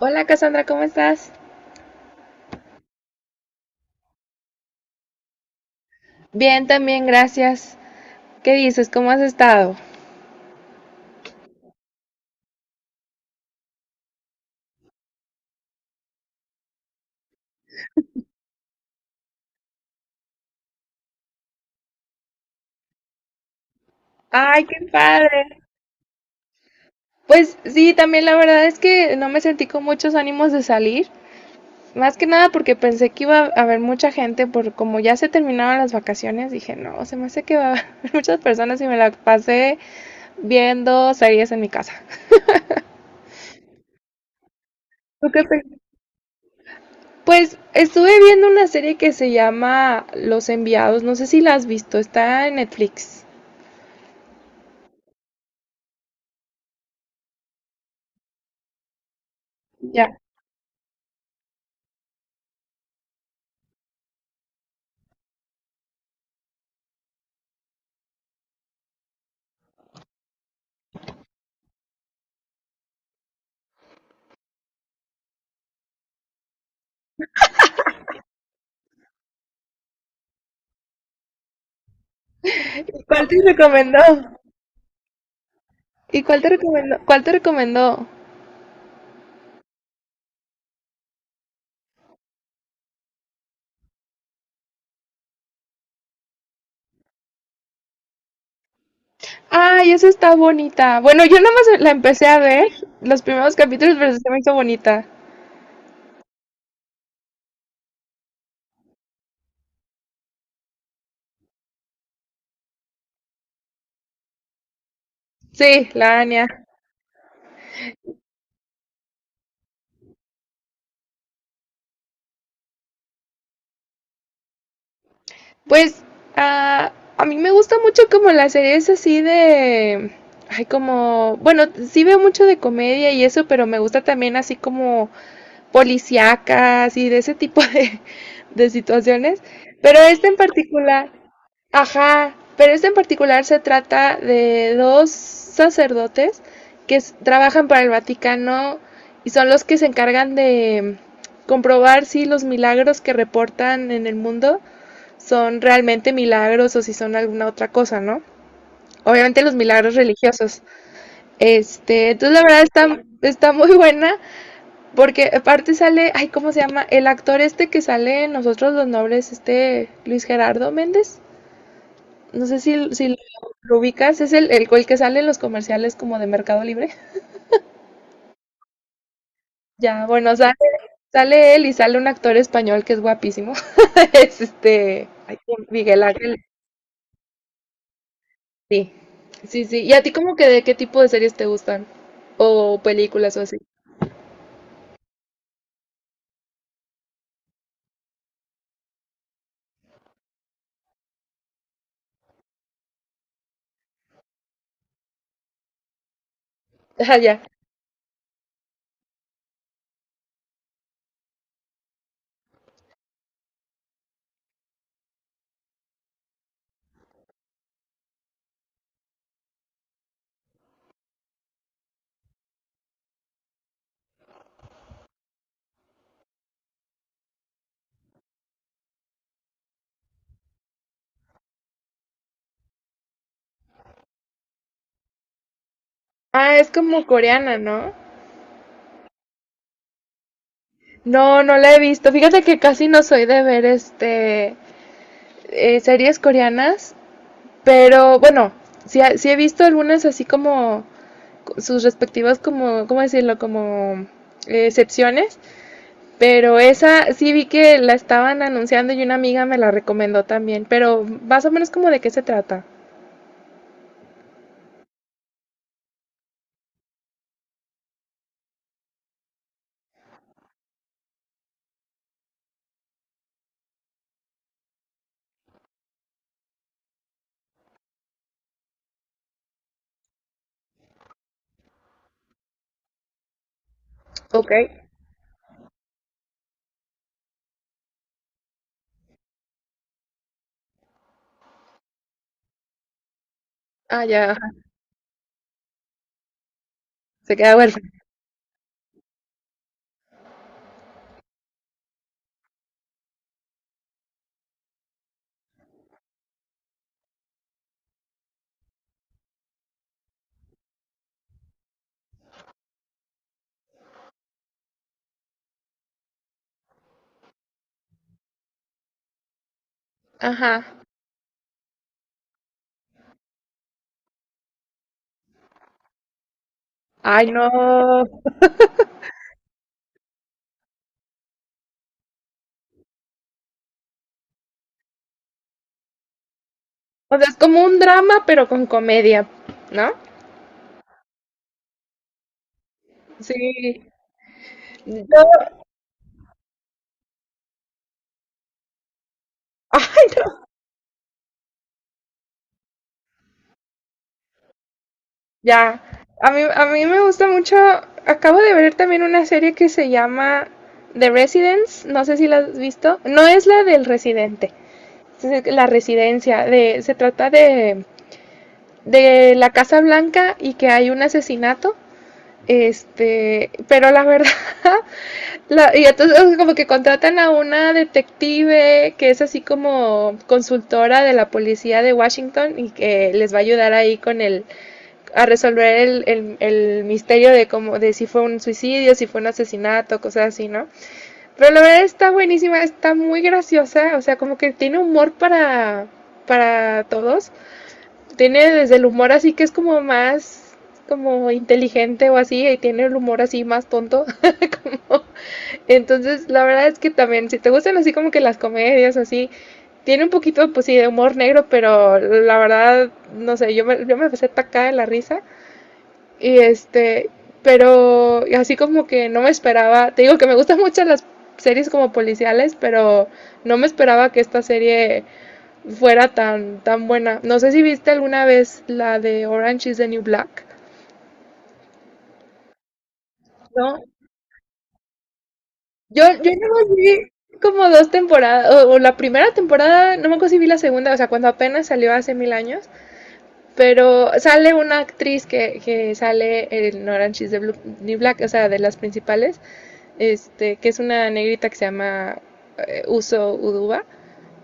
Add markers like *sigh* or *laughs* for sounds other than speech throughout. Hola Cassandra, ¿cómo estás? Bien, también, gracias. ¿Qué dices? ¿Cómo has estado? Ay, qué padre. Pues sí, también la verdad es que no me sentí con muchos ánimos de salir. Más que nada porque pensé que iba a haber mucha gente, por como ya se terminaron las vacaciones, dije, no, se me hace que va a haber *laughs* muchas personas y me la pasé viendo series en mi casa. ¿Tú qué pe- Pues estuve viendo una serie que se llama Los Enviados, no sé si la has visto, está en Netflix. Ya. ¿Cuál te recomendó? ¿Y cuál te recomendó? ¿Cuál te recomendó? Ay, esa está bonita. Bueno, yo nada más la empecé a ver los primeros capítulos, pero se me hizo bonita. Sí, la Anya. Pues ah, a mí me gusta mucho como las series así de... Ay, como... Bueno, sí veo mucho de comedia y eso, pero me gusta también así como policíacas y de ese tipo *laughs* de situaciones. Pero este en particular, ajá, pero este en particular se trata de dos sacerdotes que s- trabajan para el Vaticano y son los que se encargan de comprobar si los milagros que reportan en el mundo son realmente milagros o si son alguna otra cosa, ¿no? Obviamente los milagros religiosos. Este, entonces la verdad está muy buena porque aparte sale, ay, ¿cómo se llama? El actor este que sale en Nosotros los Nobles, este Luis Gerardo Méndez. No sé si lo, lo ubicas, es el que sale en los comerciales como de Mercado Libre. Ya, bueno, sale él y sale un actor español que es guapísimo. *laughs* es este, ay, Miguel Ángel. Sí, sí, sí. ¿Y a ti como que de qué tipo de series te gustan? O películas o así. *laughs* Ah, ya. Ah, es como coreana, ¿no? No, no la he visto. Fíjate que casi no soy de ver series coreanas, pero bueno, sí, ha- sí he visto algunas así como sus respectivas como, ¿cómo decirlo? Como excepciones, pero esa sí vi que la estaban anunciando y una amiga me la recomendó también, pero más o menos como de qué se trata. Ok. Ah, ya, ajá, se queda huérfana. Ajá. Ay, no. O sea, es como un drama, pero con comedia, ¿no? Sí. Yo- *laughs* Ya, a mí me gusta mucho, acabo de ver también una serie que se llama The Residence, no sé si la has visto, no es la del residente, es la residencia, de, se trata de la Casa Blanca y que hay un asesinato. Este, pero la verdad, *laughs* la- y entonces como que contratan a una detective que es así como consultora de la policía de Washington y que les va a ayudar ahí con el, a resolver el misterio de cómo, de si fue un suicidio, si fue un asesinato, cosas así, ¿no? Pero la verdad está buenísima, está muy graciosa, o sea, como que tiene humor para todos. Tiene desde el humor así que es como más como inteligente o así y tiene el humor así más tonto. *laughs* Entonces, la verdad es que también si te gustan así como que las comedias así, tiene un poquito pues sí de humor negro, pero la verdad no sé, yo me empecé a atacar de la risa y este, pero así como que no me esperaba, te digo que me gustan mucho las series como policiales, pero no me esperaba que esta serie fuera tan, tan buena. No sé si viste alguna vez la de Orange is the New Black. No, yo no vi como dos temporadas, o la primera temporada, no me acuerdo si vi la segunda, o sea, cuando apenas salió hace mil años, pero sale una actriz que sale en Orange is the Blue- New Black, o sea, de las principales, este, que es una negrita que se llama Uso Uduba.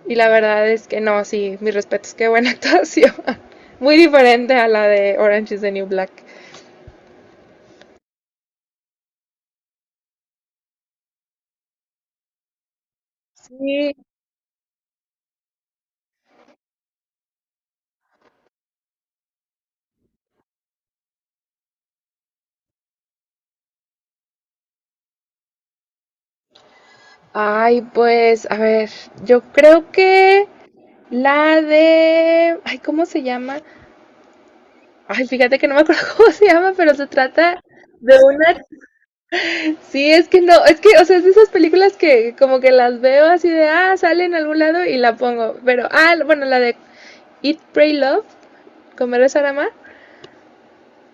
Y la verdad es que no, sí, mis respetos, qué buena actuación. *laughs* Muy diferente a la de Orange is the New Black. Sí. Ay, pues, a ver, yo creo que la de... Ay, ¿cómo se llama? Ay, fíjate que no me acuerdo *laughs* cómo se llama, pero se trata de una... Sí, es que no, es que, o sea, es de esas películas que como que las veo así de, ah, sale en algún lado y la pongo. Pero, ah, bueno, la de Eat, Pray, Love, Comer, Rezar, Amar.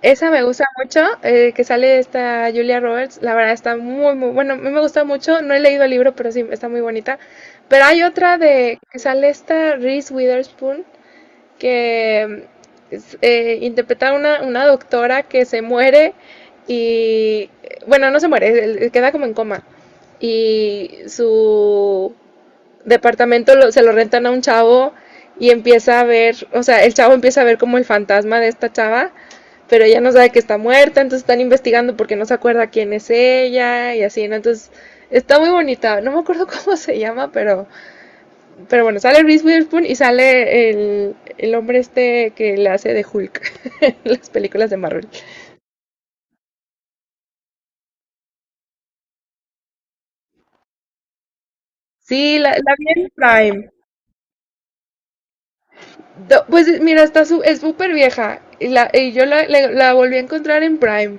Esa me gusta mucho, que sale esta Julia Roberts. La verdad está muy, muy bueno. A mí me gusta mucho. No he leído el libro, pero sí está muy bonita. Pero hay otra de que sale esta Reese Witherspoon, que interpreta una doctora que se muere y, bueno, no se muere, él- él queda como en coma. Y su departamento lo- se lo rentan a un chavo y empieza a ver, o sea, el chavo empieza a ver como el fantasma de esta chava, pero ella no sabe que está muerta, entonces están investigando porque no se acuerda quién es ella y así, ¿no? Entonces está muy bonita, no me acuerdo *laughs* cómo se llama, pero bueno, sale Reese Witherspoon y sale el hombre este que le hace de Hulk *laughs* en las películas de Marvel. Sí, la vi en Prime. Do- Pues mira, está su- es súper vieja. Y, la, y yo la- la volví a encontrar en Prime.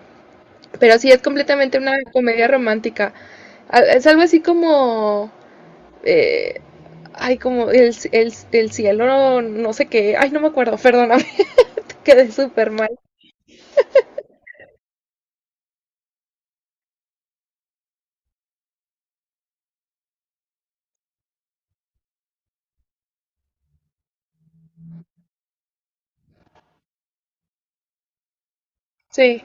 Pero sí, es completamente una comedia romántica. Al- Es algo así como... eh, ay, como c- c- el cielo, no, no sé qué. Ay, no me acuerdo, perdóname, *laughs* quedé súper mal. Sí.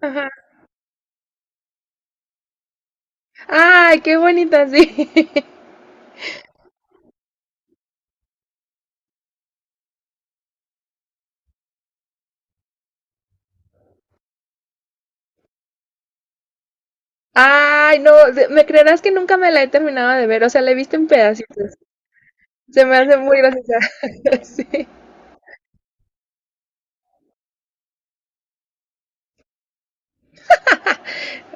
Ajá. Ay, qué bonita, sí. *laughs* Ay, no, se- me creerás que nunca me la he terminado de ver, o sea, la he visto en pedacitos. Se me hace muy graciosa. *laughs* Sí.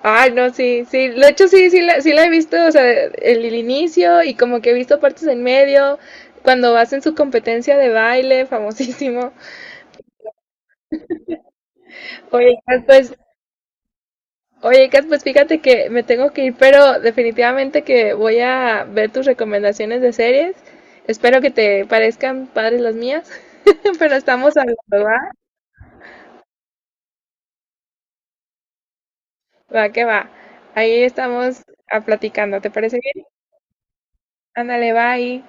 Ay, no, sí, sí. De hecho, sí, sí la he visto, o sea, el inicio y como que he visto partes en medio, cuando hacen su competencia de baile, famosísimo. Oye, Kat, pues, oye, Kat, pues fíjate que me tengo que ir, pero definitivamente que voy a ver tus recomendaciones de series. Espero que te parezcan padres las mías, *laughs* pero estamos hablando, ¿va? Va que va. Ahí estamos a platicando, ¿te parece bien? Ándale, bye.